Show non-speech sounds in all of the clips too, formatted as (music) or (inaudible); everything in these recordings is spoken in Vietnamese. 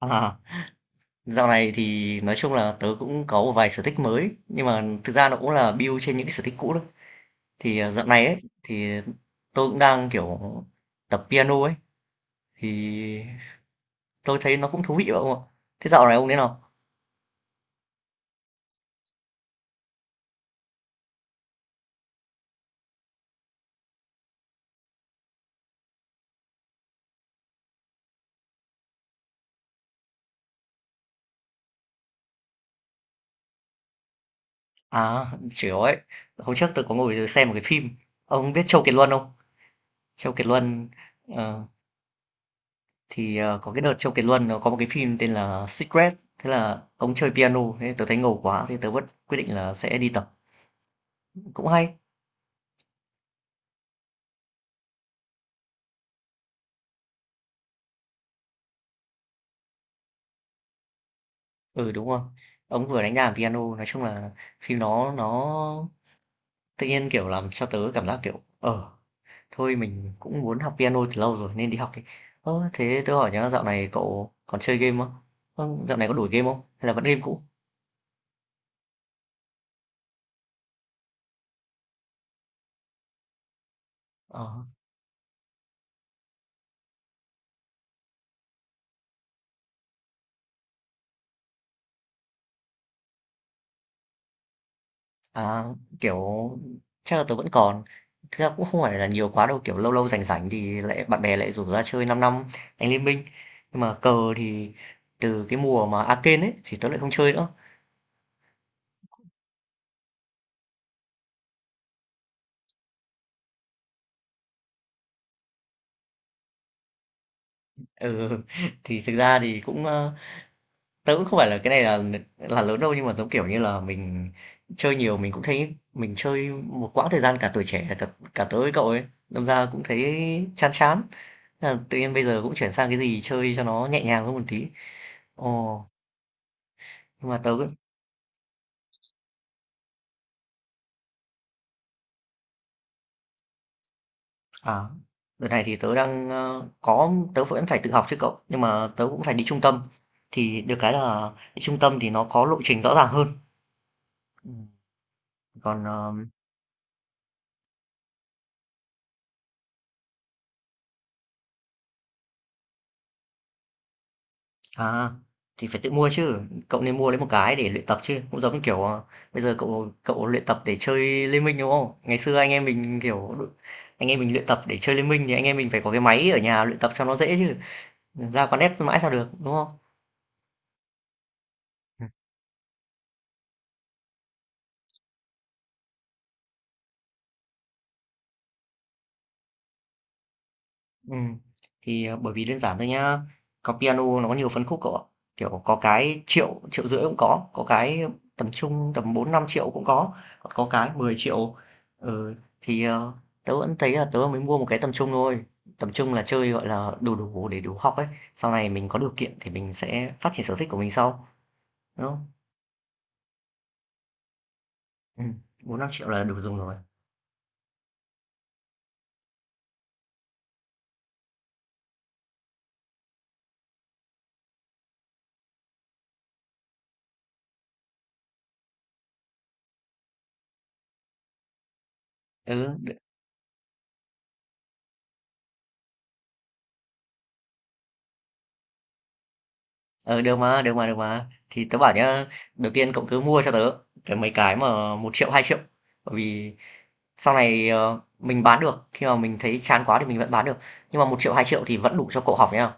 À, dạo này thì nói chung là tớ cũng có một vài sở thích mới nhưng mà thực ra nó cũng là build trên những cái sở thích cũ thôi. Thì dạo này ấy thì tôi cũng đang kiểu tập piano ấy thì tôi thấy nó cũng thú vị không ạ? Thế dạo này ông thế nào? À, chịu ấy. Hôm trước tôi có ngồi xem một cái phim. Ông biết Châu Kiệt Luân không? Châu Kiệt Luân ờ, có cái đợt Châu Kiệt Luân nó có một cái phim tên là Secret. Thế là ông chơi piano, thế tôi thấy ngầu quá, thế tớ vẫn quyết định là sẽ đi tập. Cũng hay. Ừ, đúng rồi. Ông vừa đánh đàn piano, nói chung là phim nó tự nhiên, kiểu, làm cho tớ cảm giác, kiểu, thôi mình cũng muốn học piano từ lâu rồi nên đi học đi. Ơ, thế tớ hỏi nhá, dạo này cậu còn chơi game không? Ơ, dạo này có đổi game không? Hay là vẫn game cũ? Ờ, à, kiểu, chắc là tớ vẫn còn. Thực ra cũng không phải là nhiều quá đâu, kiểu lâu lâu rảnh rảnh thì lại bạn bè lại rủ ra chơi 5 năm đánh Liên Minh. Nhưng mà cờ thì từ cái mùa mà arcane ấy thì tớ lại không chơi nữa. Ừ, thì thực ra thì cũng, tớ cũng không phải là cái này là lớn đâu, nhưng mà, giống kiểu như là, mình chơi nhiều mình cũng thấy mình chơi một quãng thời gian cả tuổi trẻ, cả cả tớ với cậu ấy, đâm ra cũng thấy chán chán, thế là tự nhiên bây giờ cũng chuyển sang cái gì chơi cho nó nhẹ nhàng hơn một tí. Ồ, nhưng mà tớ cũng à, đợt này thì tớ đang, ơ, có tớ vẫn phải tự học chứ cậu, nhưng mà tớ cũng phải đi trung tâm, thì được cái là đi trung tâm thì nó có lộ trình rõ ràng hơn. Ừm, còn, ờ À, thì phải tự mua chứ, cậu nên mua lấy một cái để luyện tập chứ, cũng giống kiểu bây giờ cậu cậu luyện tập để chơi Liên Minh đúng không? Ngày xưa anh em mình kiểu anh em mình luyện tập để chơi Liên Minh thì anh em mình phải có cái máy ở nhà luyện tập cho nó dễ chứ, ra quán net mãi sao được đúng không? Ừ bởi vì đơn giản thôi nhá, có piano nó có nhiều phân khúc cậu ạ. Kiểu, có cái triệu triệu rưỡi cũng có cái tầm trung tầm bốn năm triệu cũng có, còn có cái mười triệu. Ừ, thì, ờ, tớ vẫn thấy là tớ mới mua một cái tầm trung thôi, tầm trung là chơi, gọi là, đủ đủ để đủ học ấy, sau này mình có điều kiện thì mình sẽ phát triển sở thích của mình sau, đúng không? Ừm, 4.000.000 là đủ dùng rồi. Ừ, Ừ, được mà, được mà, được mà. Thì tớ bảo nhá, đầu tiên cậu cứ mua cho tớ cái mấy cái mà một triệu, 2 triệu. Bởi vì sau này mình bán được, khi mà mình thấy chán quá thì mình vẫn bán được. Nhưng mà một triệu, 2 triệu thì vẫn đủ cho cậu học nhá.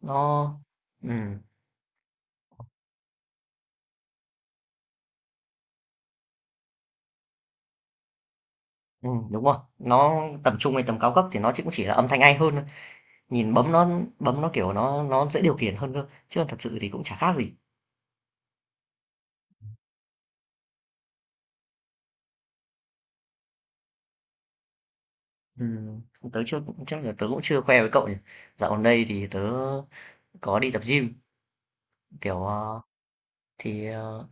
Nó ừ, ừ, đúng rồi. Nó tầm trung hay tầm cao cấp thì nó chỉ là âm thanh hay hơn thôi. Nhìn bấm nó kiểu nó dễ điều khiển hơn cơ. Chứ còn thật sự thì cũng chả khác gì. Ừ, tớ chưa chắc là tớ cũng chưa khoe với cậu nhỉ. Dạo gần đây thì tớ có đi tập gym kiểu thì ờ,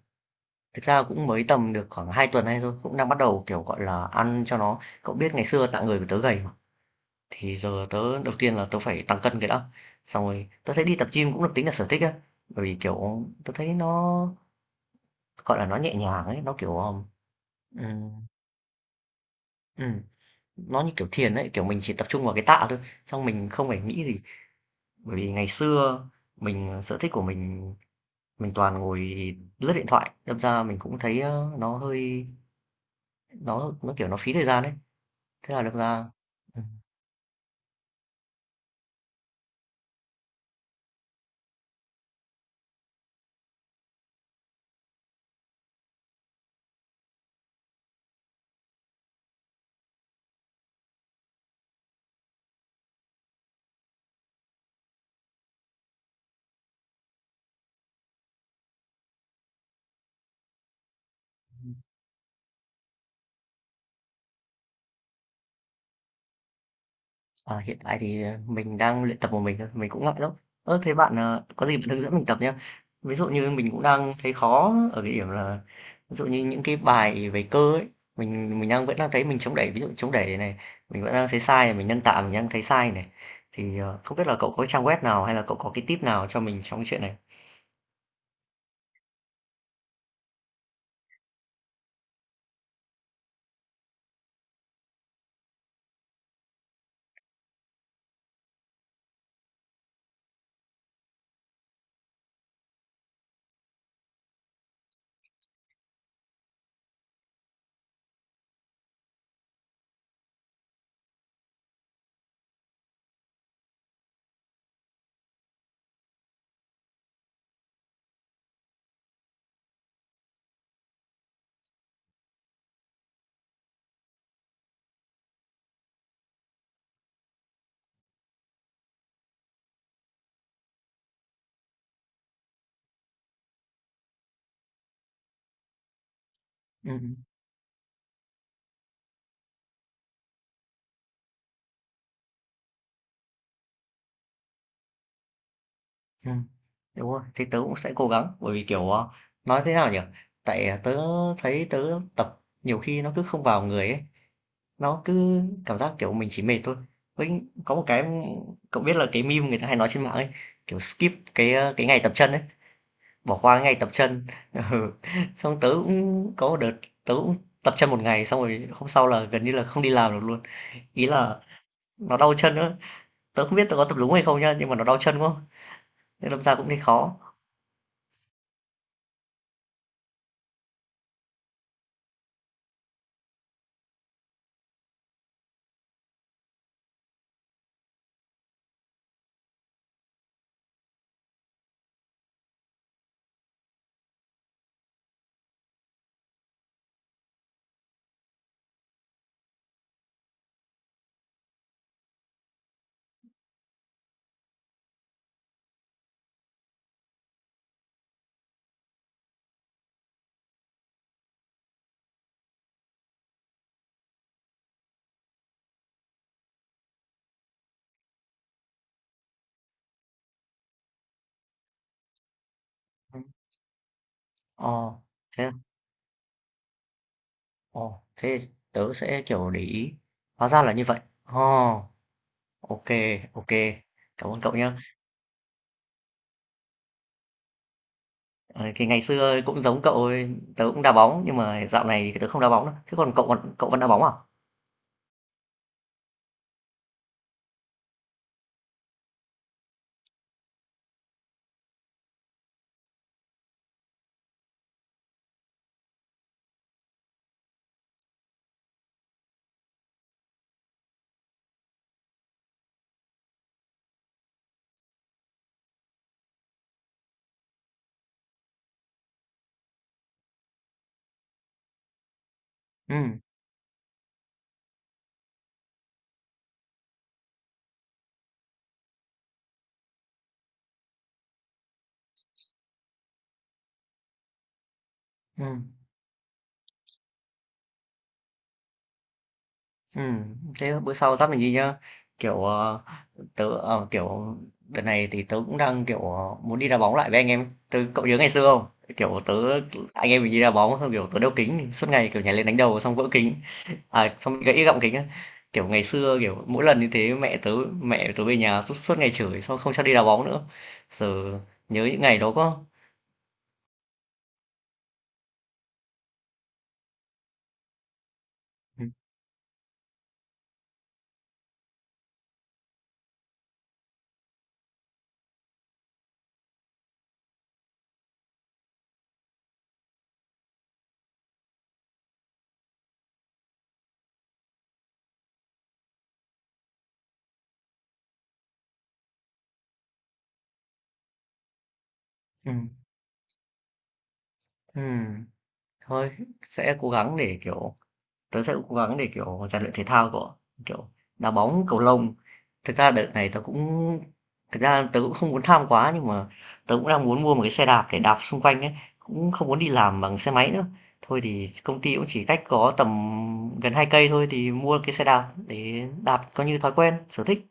thực ra cũng mới tầm được khoảng 2 tuần nay thôi, cũng đang bắt đầu, kiểu, gọi là, ăn cho nó, cậu biết ngày xưa tạng người của tớ gầy mà, thì giờ tớ đầu tiên là tớ phải tăng cân cái đã, xong rồi tớ thấy đi tập gym cũng được tính là sở thích á, bởi vì, kiểu, tớ thấy nó, gọi là, nó nhẹ nhàng ấy, nó, ừm, ừm, nó như kiểu thiền ấy, kiểu, mình chỉ tập trung vào cái tạ thôi, xong mình không phải nghĩ gì. Bởi vì ngày xưa mình sở thích của mình toàn ngồi lướt điện thoại, đâm ra mình cũng thấy, nó hơi kiểu, nó phí thời gian ấy. Thế là được ra ừm, ờ, hiện tại thì, mình đang luyện tập một mình thôi, mình cũng ngại lắm. Ơ, thế bạn, có gì bạn hướng dẫn mình tập nhá. Ví dụ như mình cũng đang thấy khó ở cái điểm là ví dụ như những cái bài về cơ ấy, mình đang vẫn đang thấy mình chống đẩy, ví dụ chống đẩy này, mình vẫn đang thấy sai này, mình nâng tạ mình đang thấy sai này. Thì, không biết là cậu có trang web nào hay là cậu có cái tip nào cho mình trong cái chuyện này? Ừm, ừm, ừm, đúng rồi, thế tớ cũng sẽ cố gắng, bởi vì, kiểu, nói thế nào nhỉ? Tại, tớ thấy tớ tập nhiều khi nó cứ không vào người ấy, nó cứ cảm giác kiểu mình chỉ mệt thôi, với có một cái, cậu biết là cái meme người ta hay nói trên mạng ấy, kiểu skip cái cái ngày tập chân ấy, bỏ qua cái ngày tập chân. (laughs) Ừ, xong tớ cũng có một đợt tớ cũng tập chân một ngày xong rồi hôm sau là gần như là không đi làm được luôn, ý là nó đau chân nữa, tớ không biết tớ có tập đúng hay không nhá nhưng mà nó đau chân quá nên đâm ra cũng thấy khó. Ừ, ờ thế à? Ồ, thế tớ sẽ kiểu để ý, hóa ra là như vậy. Ồ, ok, ok, cảm ơn cậu nhá. Ờ, thì ngày xưa cũng giống cậu ấy, tớ cũng đá bóng nhưng mà dạo này thì tớ không đá bóng nữa. Thế còn cậu, còn cậu vẫn đá bóng à? Ừ, ừ, ừ. Thế bữa sau dắt mình đi nhá. Kiểu kiểu đợt này thì tớ cũng đang kiểu muốn đi đá bóng lại với anh em. Cậu nhớ ngày xưa không? Kiểu tớ Anh em mình đi đá bóng xong kiểu tớ đeo kính suốt ngày kiểu nhảy lên đánh đầu xong vỡ kính. À, xong gãy gọng kính á. Kiểu ngày xưa kiểu mỗi lần như thế mẹ tớ về nhà suốt suốt ngày chửi xong không cho đi đá bóng nữa. Giờ nhớ những ngày đó quá. Ừ. Ừ, ừm, thôi sẽ cố gắng để, kiểu tớ sẽ cố gắng để, kiểu, rèn luyện thể thao của, kiểu, đá bóng, cầu lông. Thực ra đợt này tớ cũng thực ra tớ cũng không muốn tham quá nhưng mà tớ cũng đang muốn mua một cái xe đạp để đạp xung quanh ấy, cũng không muốn đi làm bằng xe máy nữa. Thôi thì công ty cũng chỉ cách có tầm gần 2 cây thôi thì mua cái xe đạp để đạp coi như thói quen, sở thích.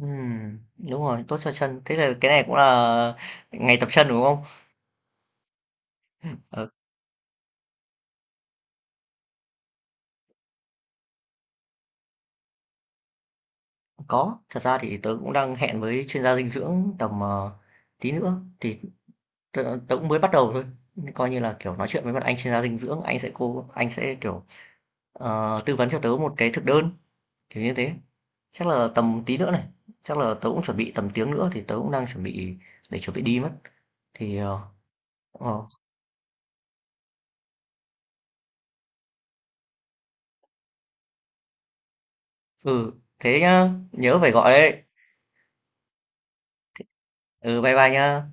Ừ, đúng rồi, tốt cho chân. Thế là cái này cũng là ngày tập chân, đúng không? Ừ. Có, thật ra thì tớ cũng đang hẹn với chuyên gia dinh dưỡng tầm, tí nữa, thì tớ tớ cũng mới bắt đầu thôi, coi như là, kiểu, nói chuyện với một anh chuyên gia dinh dưỡng, anh sẽ, kiểu, tư vấn cho tớ một cái thực đơn, kiểu như thế. Chắc là tầm tí nữa này, chắc là tớ cũng chuẩn bị tầm tiếng nữa thì tớ cũng đang chuẩn bị để chuẩn bị đi mất. Thì, ờ, ờ, ừ, thế nhá, nhớ phải gọi đấy. Ừ, bye bye nhá.